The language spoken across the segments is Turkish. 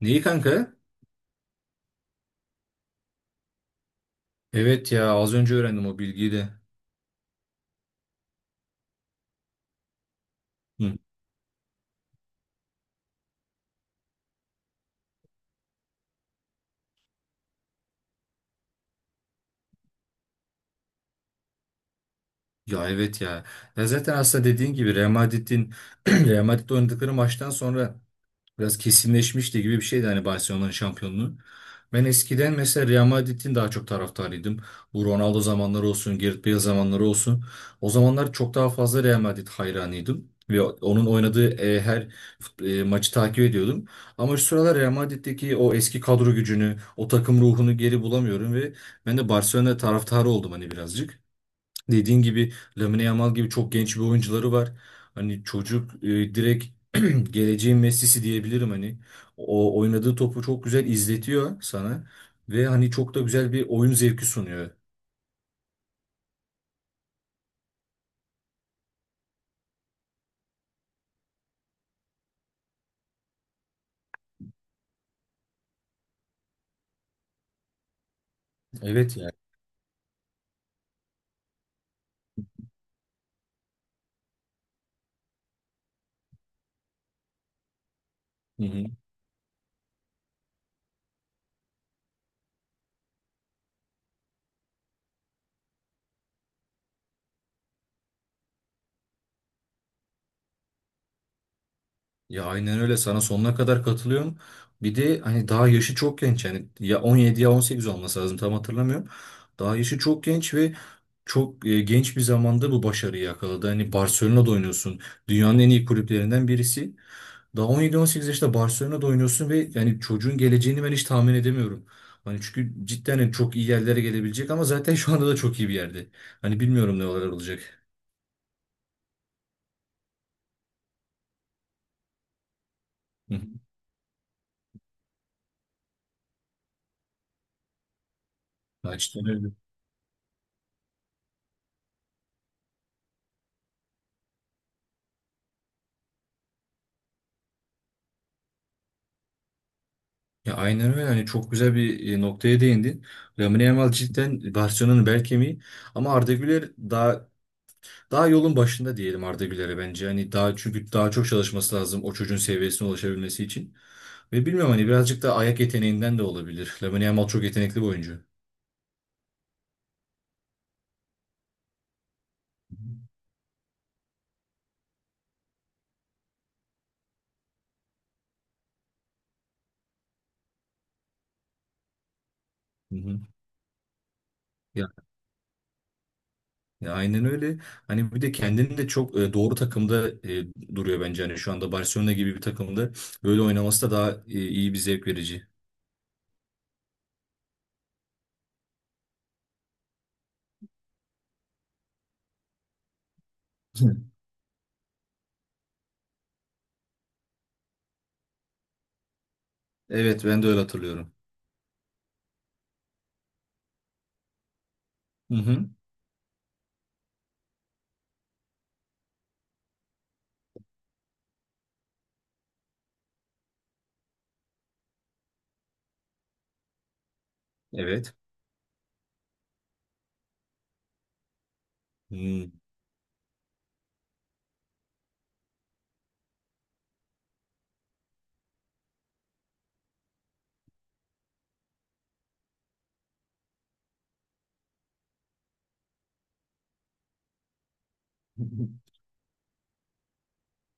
Neyi kanka? Evet ya, az önce öğrendim o bilgiyi de. Hı. Ya evet ya. Ya zaten aslında dediğin gibi Real Madrid'in Real Madrid'le oynadıkları maçtan sonra biraz kesinleşmişti gibi bir şeydi hani, Barcelona'nın şampiyonluğu. Ben eskiden mesela Real Madrid'in daha çok taraftarıydım. Bu Ronaldo zamanları olsun, Gareth Bale zamanları olsun. O zamanlar çok daha fazla Real Madrid hayranıydım. Ve onun oynadığı her maçı takip ediyordum. Ama şu sıralar Real Madrid'deki o eski kadro gücünü, o takım ruhunu geri bulamıyorum ve ben de Barcelona taraftarı oldum hani, birazcık. Dediğin gibi Lamine Yamal gibi çok genç bir oyuncuları var. Hani çocuk direkt geleceğin Messi'si diyebilirim hani. O oynadığı topu çok güzel izletiyor sana ve hani çok da güzel bir oyun zevki sunuyor. Evet ya. Hı hı. Ya aynen öyle, sana sonuna kadar katılıyorum. Bir de hani daha yaşı çok genç, yani ya 17 ya 18 olması lazım, tam hatırlamıyorum. Daha yaşı çok genç ve çok genç bir zamanda bu başarıyı yakaladı. Hani Barcelona'da oynuyorsun. Dünyanın en iyi kulüplerinden birisi. Daha on yedi on sekiz yaşında Barcelona'da oynuyorsun ve yani çocuğun geleceğini ben hiç tahmin edemiyorum. Hani çünkü cidden hani çok iyi yerlere gelebilecek, ama zaten şu anda da çok iyi bir yerde. Hani bilmiyorum ne olarak olacak. Hı hı. Ya cidden öyle. Ya aynen öyle. Hani çok güzel bir noktaya değindin. Lamine Yamal cidden Barcelona'nın bel kemiği, ama Arda Güler daha yolun başında diyelim Arda Güler'e, bence. Hani daha, çünkü daha çok çalışması lazım o çocuğun seviyesine ulaşabilmesi için. Ve bilmiyorum, hani birazcık da ayak yeteneğinden de olabilir. Lamine Yamal çok yetenekli bir oyuncu. Hı hı. Ya, ya aynen öyle. Hani bir de kendini de çok doğru takımda duruyor bence. Hani şu anda Barcelona gibi bir takımda böyle oynaması da daha iyi, bir zevk verici. Hı. Evet, ben de öyle hatırlıyorum. Hı hı. Evet. Hı.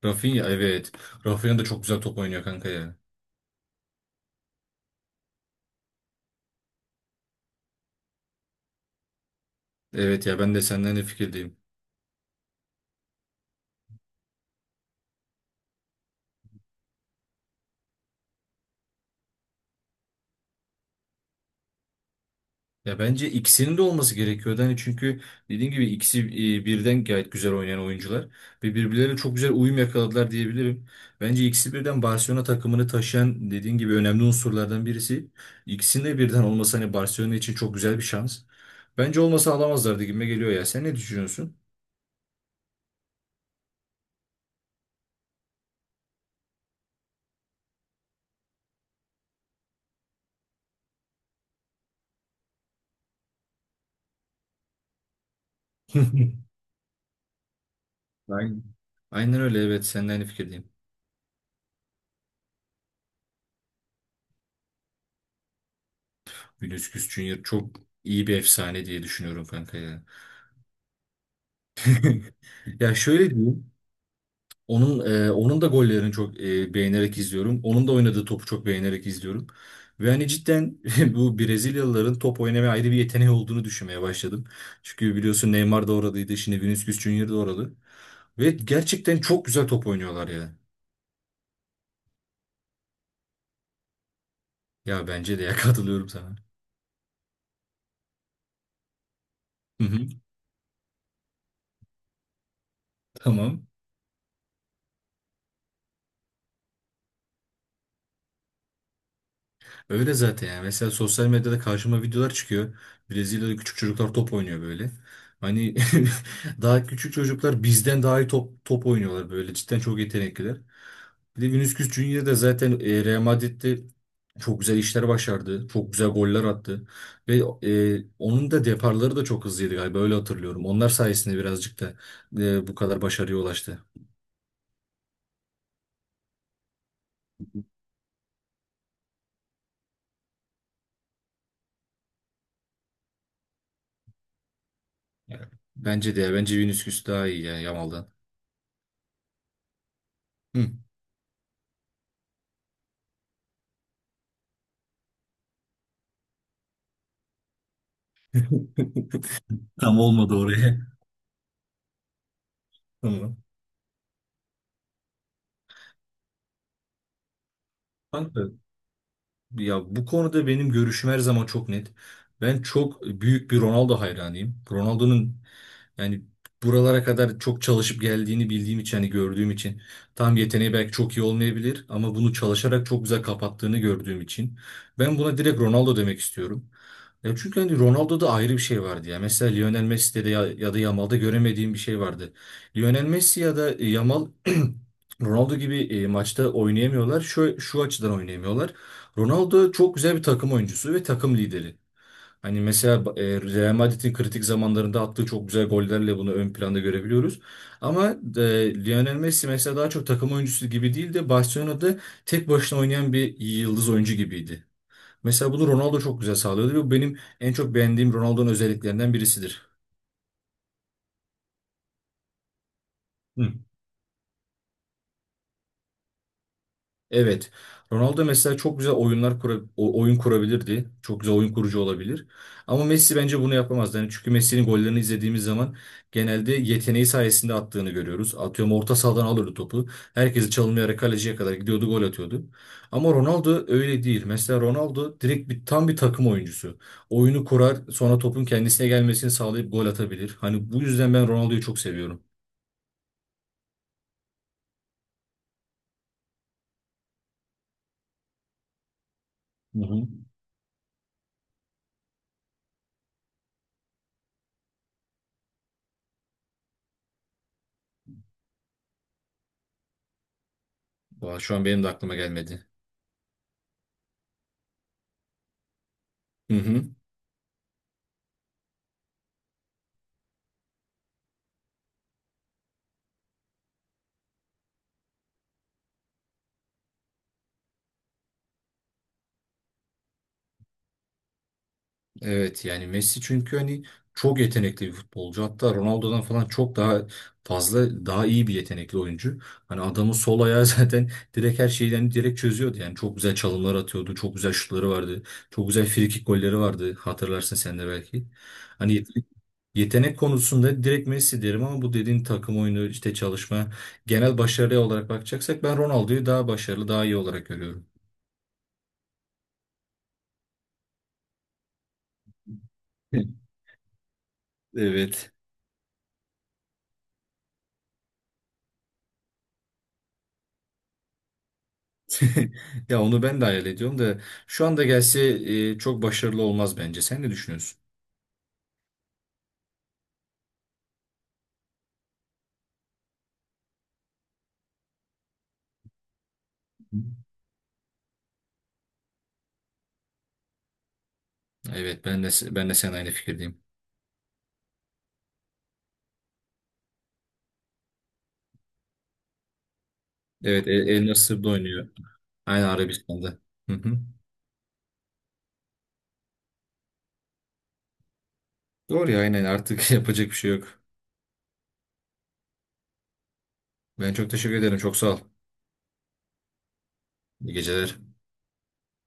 Rafinha, evet. Rafinha da çok güzel top oynuyor kanka ya. Evet ya, ben de senden de fikirdeyim. Ya bence ikisinin de olması gerekiyordu. Yani çünkü dediğim gibi ikisi birden gayet güzel oynayan oyuncular ve birbirlerine çok güzel uyum yakaladılar diyebilirim. Bence ikisi birden Barcelona takımını taşıyan, dediğim gibi, önemli unsurlardan birisi. İkisinin de birden olması hani Barcelona için çok güzel bir şans. Bence olmasa alamazlardı gibime geliyor ya. Sen ne düşünüyorsun? Ben aynen öyle, evet, seninle aynı fikirdeyim. Vinicius Junior çok iyi bir efsane diye düşünüyorum kanka ya. Ya şöyle diyeyim. Onun onun da gollerini çok beğenerek izliyorum. Onun da oynadığı topu çok beğenerek izliyorum. Ve hani cidden bu Brezilyalıların top oynamaya ayrı bir yeteneği olduğunu düşünmeye başladım. Çünkü biliyorsun Neymar da oradaydı. Şimdi Vinicius Junior da oralı. Ve gerçekten çok güzel top oynuyorlar ya. Ya bence de ya, katılıyorum sana. Hı hı, tamam. Öyle zaten yani. Mesela sosyal medyada karşıma videolar çıkıyor. Brezilya'da küçük çocuklar top oynuyor böyle. Hani daha küçük çocuklar bizden daha iyi top oynuyorlar böyle. Cidden çok yetenekliler. Bir de Vinicius Junior da zaten Real Madrid'de çok güzel işler başardı. Çok güzel goller attı. Ve onun da deparları da çok hızlıydı galiba, öyle hatırlıyorum. Onlar sayesinde birazcık da bu kadar başarıya ulaştı. Yani bence de ya, bence Vinicius daha iyi yani Yamal'dan. Hı. Tam olmadı oraya. Tamam. Kanka, ya bu konuda benim görüşüm her zaman çok net. Ben çok büyük bir Ronaldo hayranıyım. Ronaldo'nun, yani, buralara kadar çok çalışıp geldiğini bildiğim için, hani gördüğüm için, tam yeteneği belki çok iyi olmayabilir ama bunu çalışarak çok güzel kapattığını gördüğüm için ben buna direkt Ronaldo demek istiyorum. Ya çünkü hani Ronaldo'da ayrı bir şey vardı ya. Mesela Lionel Messi'de de ya, ya da Yamal'da göremediğim bir şey vardı. Lionel Messi ya da Yamal Ronaldo gibi maçta oynayamıyorlar. Şu açıdan oynayamıyorlar. Ronaldo çok güzel bir takım oyuncusu ve takım lideri. Hani mesela Real Madrid'in kritik zamanlarında attığı çok güzel gollerle bunu ön planda görebiliyoruz. Ama e, Lionel Messi mesela daha çok takım oyuncusu gibi değil de Barcelona'da tek başına oynayan bir yıldız oyuncu gibiydi. Mesela bunu Ronaldo çok güzel sağlıyordu ve bu benim en çok beğendiğim Ronaldo'nun özelliklerinden birisidir. Hı. Evet. Ronaldo mesela çok güzel oyunlar oyun kurabilirdi. Çok güzel oyun kurucu olabilir. Ama Messi bence bunu yapamaz. Yani çünkü Messi'nin gollerini izlediğimiz zaman genelde yeteneği sayesinde attığını görüyoruz. Atıyorum, orta sahadan alırdı topu. Herkesi çalımlayarak kaleciye kadar gidiyordu, gol atıyordu. Ama Ronaldo öyle değil. Mesela Ronaldo direkt bir takım oyuncusu. Oyunu kurar, sonra topun kendisine gelmesini sağlayıp gol atabilir. Hani bu yüzden ben Ronaldo'yu çok seviyorum. Hı hı. Vay, şu an benim de aklıma gelmedi. Hı hı. Evet yani Messi çünkü hani çok yetenekli bir futbolcu. Hatta Ronaldo'dan falan çok daha iyi bir yetenekli oyuncu. Hani adamın sol ayağı zaten direkt her şeyi, yani direkt çözüyordu. Yani çok güzel çalımlar atıyordu. Çok güzel şutları vardı. Çok güzel frikik golleri vardı. Hatırlarsın sen de belki. Hani yetenek konusunda direkt Messi derim, ama bu dediğin takım oyunu, işte çalışma, genel başarıya olarak bakacaksak ben Ronaldo'yu daha iyi olarak görüyorum. Evet. Ya onu ben de hayal ediyorum da, şu anda gelse çok başarılı olmaz bence. Sen ne düşünüyorsun? Evet, ben de sen aynı fikirdeyim. El Nasır'da oynuyor. Aynı Arabistan'da. Hı hı. Doğru ya, aynen, artık yapacak bir şey yok. Ben çok teşekkür ederim. Çok sağ ol. İyi geceler.